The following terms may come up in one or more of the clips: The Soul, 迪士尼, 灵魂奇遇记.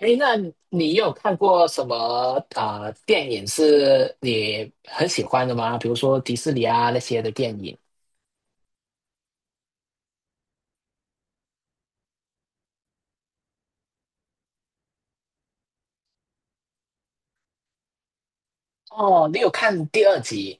哎，那你有看过什么电影是你很喜欢的吗？比如说迪士尼啊那些的电影。哦，你有看第二集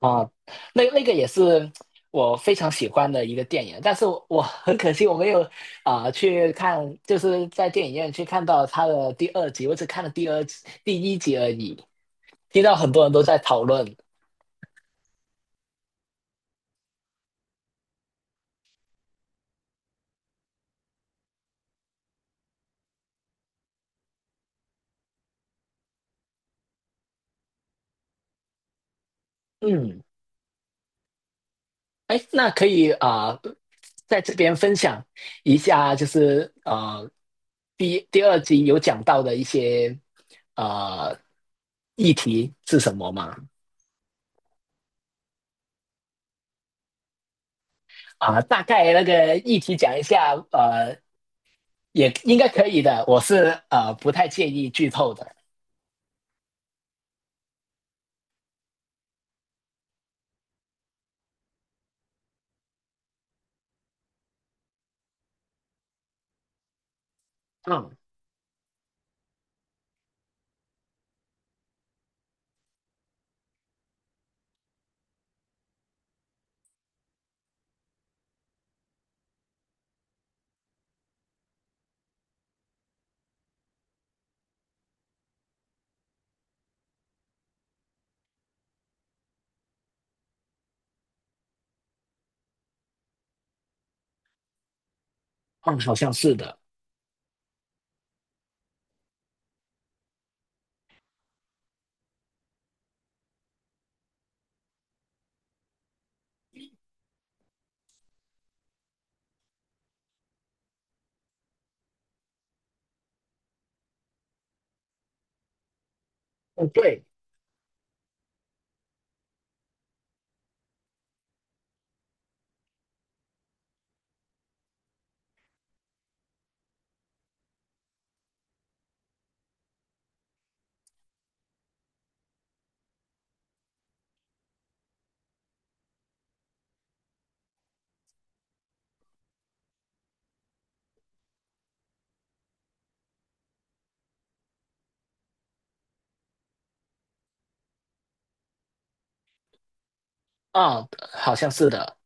啊？那那个也是我非常喜欢的一个电影，但是我很可惜我没有去看，就是在电影院去看到它的第二集，我只看了第二集第一集而已。听到很多人都在讨论，嗯。哎，那可以在这边分享一下，就是第二集有讲到的一些呃议题是什么吗？大概那个议题讲一下，也应该可以的。我是不太介意剧透的。嗯嗯，好像是的。嗯，对，嗯，好像是的。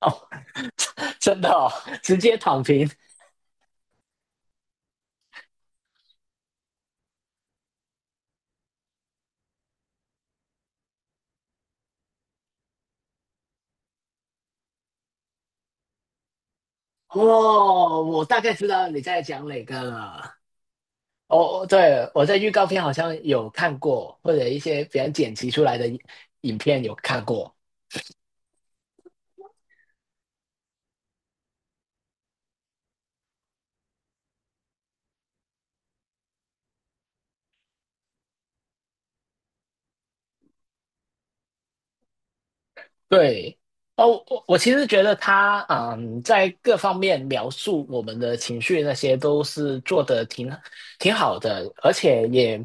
哦，真的哦，直接躺平。哦，我大概知道你在讲哪个了。哦，对，我在预告片好像有看过，或者一些别人剪辑出来的影片有看过。对，哦，我其实觉得他在各方面描述我们的情绪那些都是做的挺好的，而且也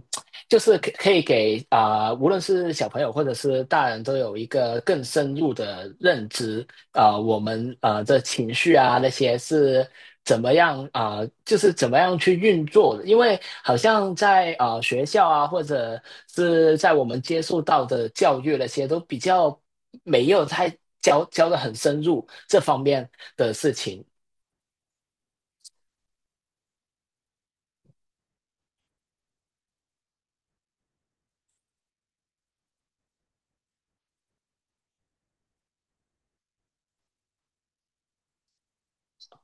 就是可以给无论是小朋友或者是大人都有一个更深入的认知我们啊这情绪啊那些是怎么样就是怎么样去运作的？因为好像在学校啊，或者是在我们接触到的教育那些，都比较没有太教的很深入这方面的事情。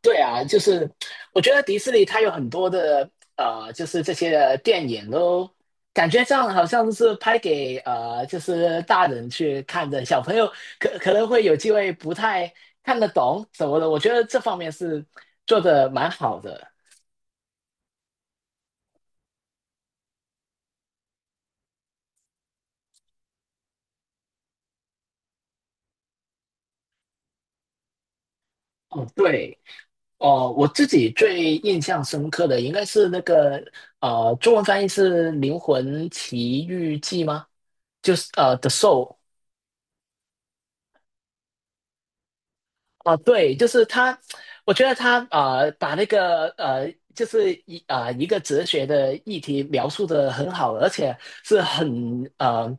对啊，就是我觉得迪士尼它有很多的就是这些电影都感觉上好像是拍给就是大人去看的，小朋友可能会有机会不太看得懂什么的。我觉得这方面是做的蛮好的。哦，对，哦，我自己最印象深刻的应该是那个中文翻译是《灵魂奇遇记》吗？就是《The Soul》。啊，对，就是他，我觉得他啊，把那个就是一个哲学的议题描述的很好，而且是很呃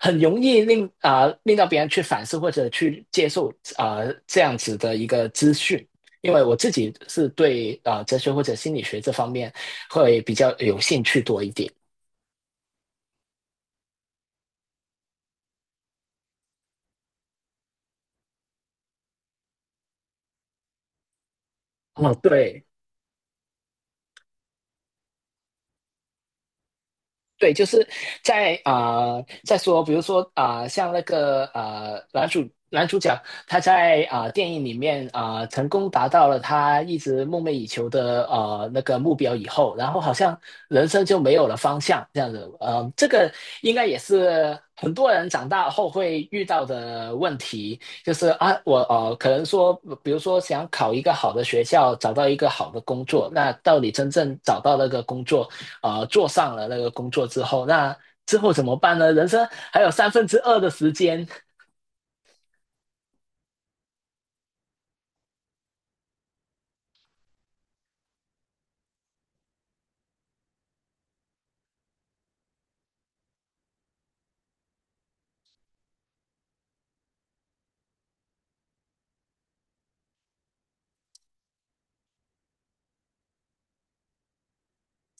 很容易令到别人去反思或者去接受这样子的一个资讯。因为我自己是对哲学或者心理学这方面会比较有兴趣多一点。哦，对。对，就是在啊、在说，比如说像那个男主角他在电影里面成功达到了他一直梦寐以求的那个目标以后，然后好像人生就没有了方向这样子，这个应该也是很多人长大后会遇到的问题，就是啊，我可能说，比如说想考一个好的学校，找到一个好的工作，那到底真正找到那个工作？做上了那个工作之后，那之后怎么办呢？人生还有三分之二的时间，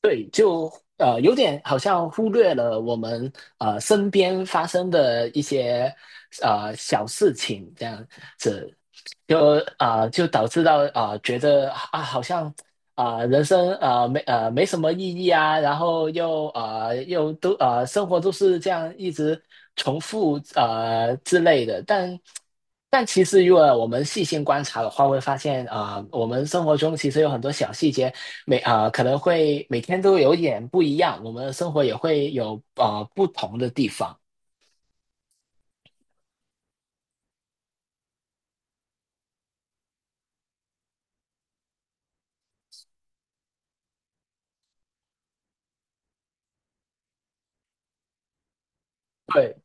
对，就有点好像忽略了我们身边发生的一些小事情这样子，就就导致到觉得啊，好像人生没什么意义啊，然后又都生活都是这样一直重复啊、之类的。但其实如果我们细心观察的话，会发现我们生活中其实有很多小细节，可能会每天都有点不一样，我们的生活也会有不同的地方。对。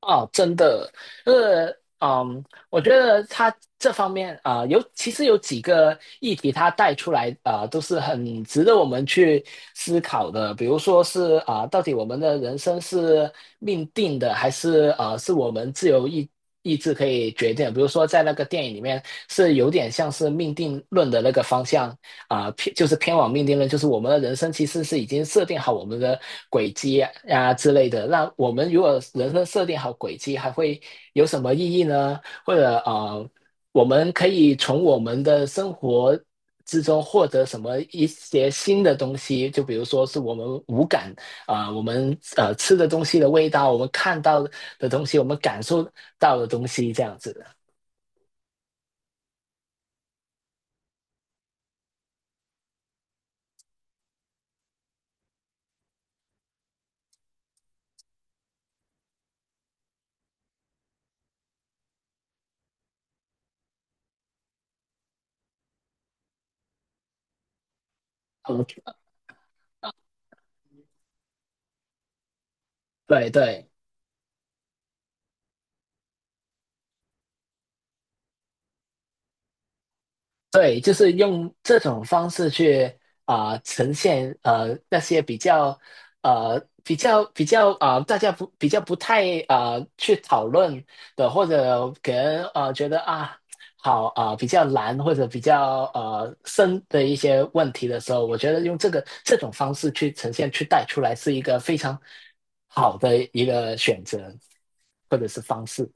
哦，真的，呃，嗯，我觉得他这方面啊、呃有其实有几个议题，他带出来都是很值得我们去思考的。比如说是到底我们的人生是命定的，还是是我们自由意志可以决定的比如说在那个电影里面，是有点像是命定论的那个方向啊、呃偏就是偏往命定论，就是我们的人生其实是已经设定好我们的轨迹呀之类的。那我们如果人生设定好轨迹，还会有什么意义呢？或者啊，我们可以从我们的生活之中获得什么一些新的东西？就比如说是我们五感我们吃的东西的味道，我们看到的东西，我们感受到的东西，这样子。嗯对对。对，就是用这种方式去呈现那些比较大家不比较不太啊、呃去讨论的，或者给人啊觉得啊比较难或者比较深的一些问题的时候，我觉得用这种方式去呈现去带出来是一个非常好的一个选择或者是方式。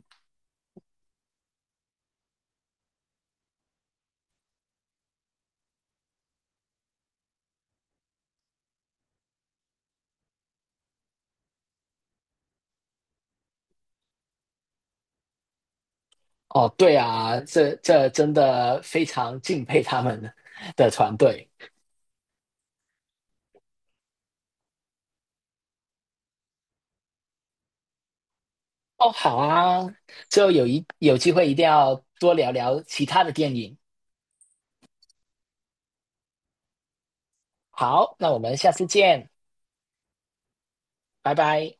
哦，对啊，这真的非常敬佩他们的团队。哦，好啊，之后有机会一定要多聊聊其他的电影。好，那我们下次见，拜拜。